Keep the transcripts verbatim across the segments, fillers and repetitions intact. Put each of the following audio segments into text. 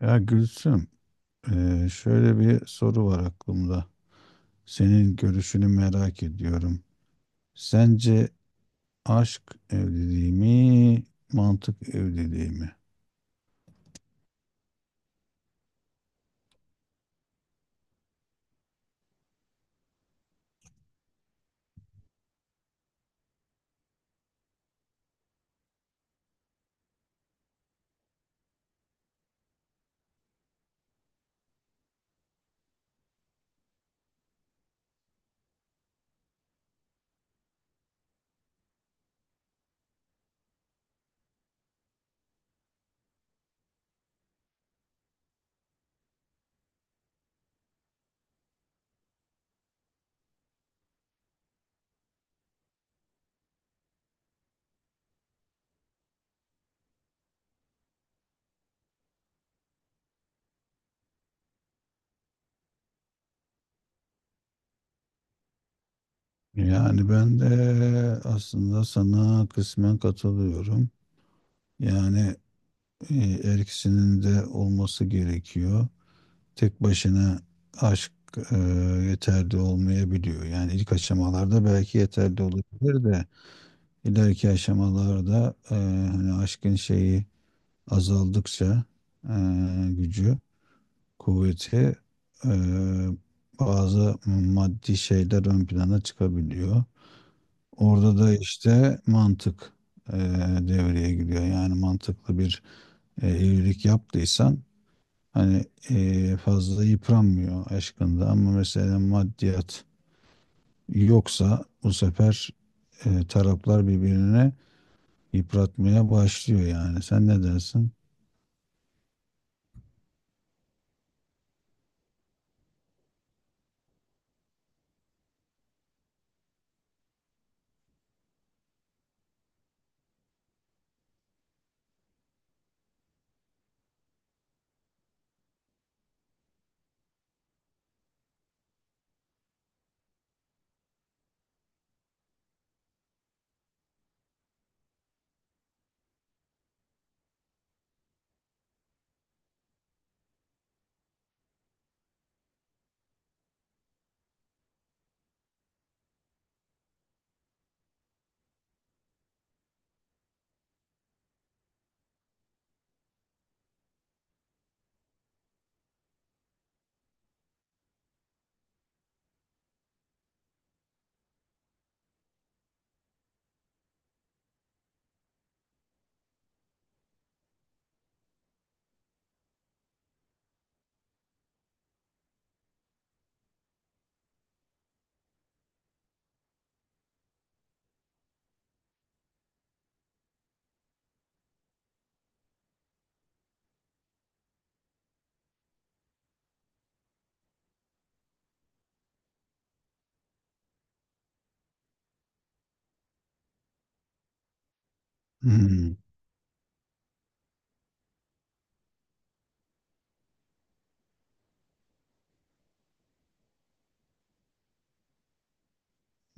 Ya Gülsüm, eee, şöyle bir soru var aklımda. Senin görüşünü merak ediyorum. Sence aşk evliliği mi, mantık evliliği mi? Yani ben de aslında sana kısmen katılıyorum. Yani eee, her ikisinin de olması gerekiyor. Tek başına aşk eee, yeterli olmayabiliyor. Yani ilk aşamalarda belki yeterli olabilir de. İleriki aşamalarda e, hani aşkın şeyi azaldıkça e, gücü, kuvveti, e, bazı maddi şeyler ön plana çıkabiliyor. Orada da işte mantık e, devreye giriyor. Yani mantıklı bir e, evlilik yaptıysan hani e, fazla yıpranmıyor aşkında, ama mesela maddiyat yoksa bu sefer e, taraflar birbirine yıpratmaya başlıyor yani. Sen ne dersin? Hmm.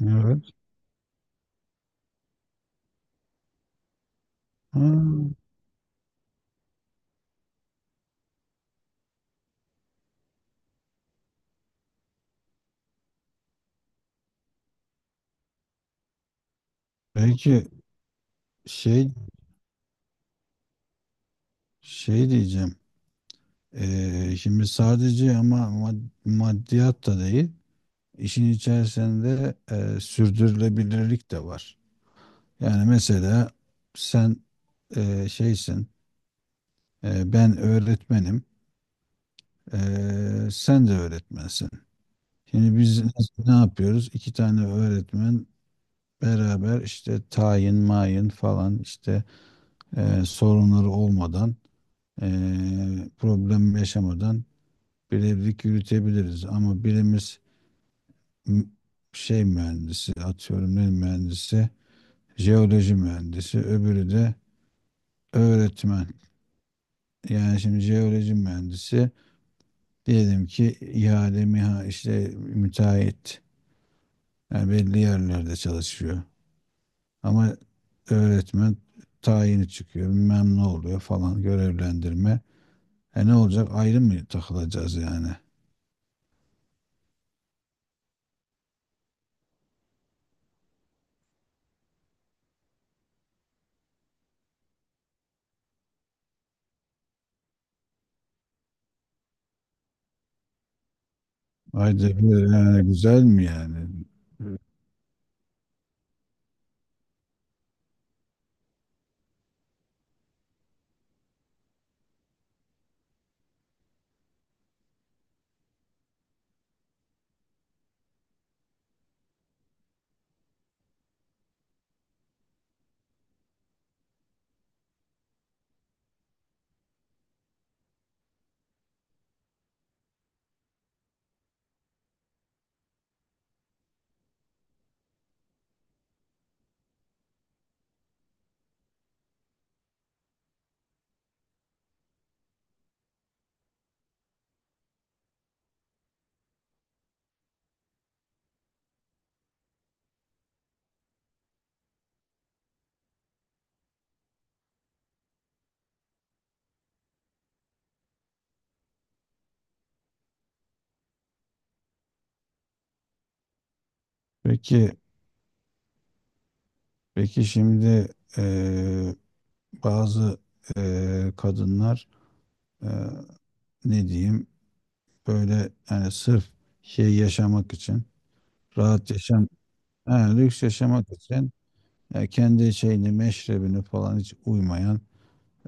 Evet. Ha. Peki şey şey diyeceğim. Ee, şimdi sadece ama mad- maddiyat da değil. İşin içerisinde e, sürdürülebilirlik de var. Yani mesela sen e, şeysin, e, ben öğretmenim, e, sen de öğretmensin. Şimdi biz ne yapıyoruz? İki tane öğretmen beraber işte tayin, mayın falan işte e, sorunları olmadan, e, problem yaşamadan birevlik yürütebiliriz. Ama birimiz m- şey mühendisi, atıyorum ne mühendisi, jeoloji mühendisi, öbürü de öğretmen. Yani şimdi jeoloji mühendisi diyelim ki ihale, miha işte müteahhit. Yani belli yerlerde çalışıyor. Ama öğretmen tayini çıkıyor, bilmem ne oluyor falan, görevlendirme. E, ne olacak, ayrı mı takılacağız yani? Haydi bir, yani güzel mi yani? Peki, peki şimdi eee, bazı eee, kadınlar eee, ne diyeyim böyle, yani sırf şey yaşamak için, rahat yaşam, yani lüks yaşamak için, yani kendi şeyini, meşrebini falan hiç uymayan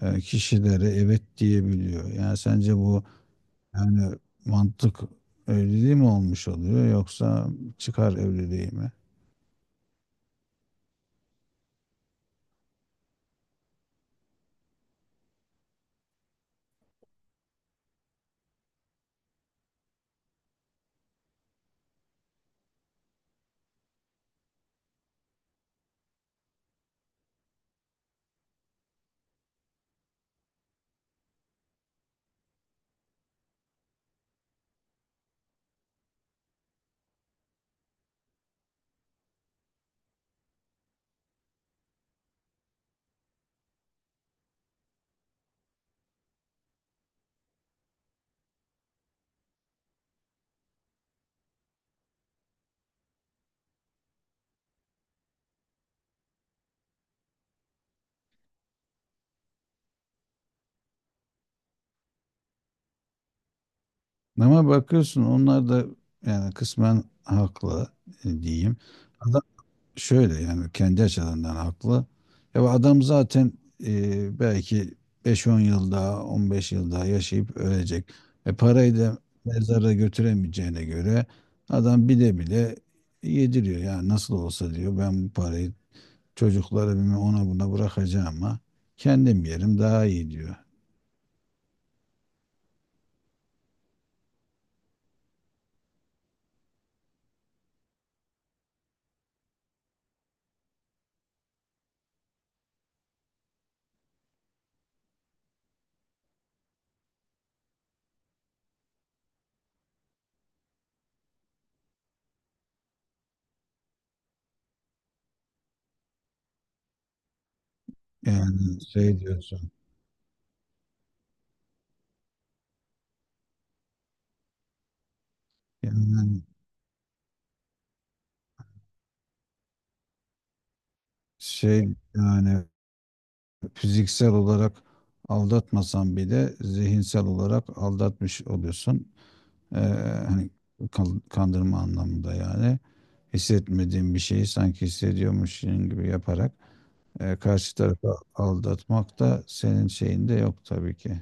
eee, kişilere evet diyebiliyor. Yani sence bu yani mantık evliliği mi olmuş oluyor, yoksa çıkar evliliği mi? Ama bakıyorsun onlar da yani kısmen haklı e, diyeyim. Adam şöyle, yani kendi açılarından haklı. Ya bu adam zaten e, belki beş on yıl daha, on beş yıl daha yaşayıp ölecek. E, parayı da mezara götüremeyeceğine göre adam bile bile yediriyor. Yani nasıl olsa diyor, ben bu parayı çocuklara, bilmem ona buna bırakacağım, ama kendim yerim daha iyi diyor. Yani şey diyorsun. Yani şey, yani fiziksel olarak aldatmasan bile zihinsel olarak aldatmış oluyorsun. Ee, hani kan- kandırma anlamında, yani hissetmediğin bir şeyi sanki hissediyormuşsun gibi yaparak e, karşı tarafı aldatmak da senin şeyinde yok tabii ki.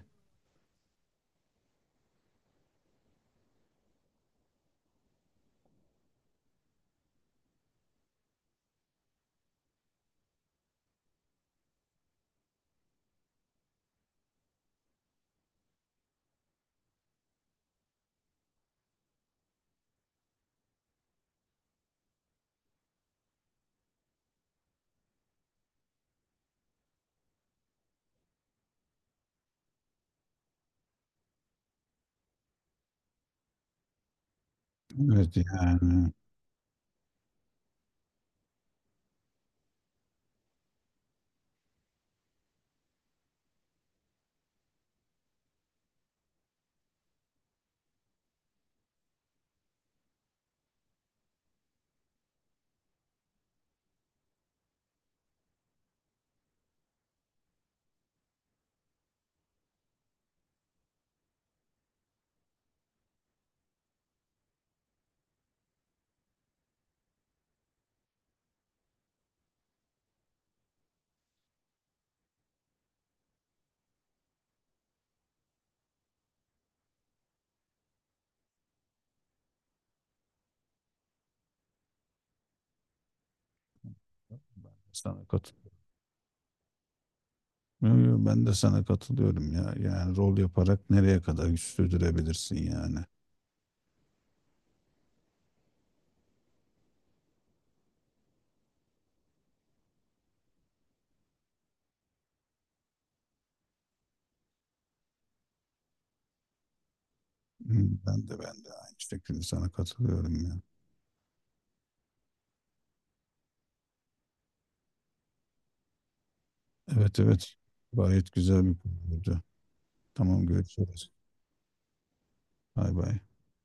Evet, yani sana katılıyorum. Yo, yo, ben de sana katılıyorum ya. Yani rol yaparak nereye kadar güç sürdürebilirsin yani. Hmm. Ben de ben de aynı şekilde sana katılıyorum ya. Evet, evet. Gayet güzel bir konuydu. Tamam, görüşürüz. Bay bay.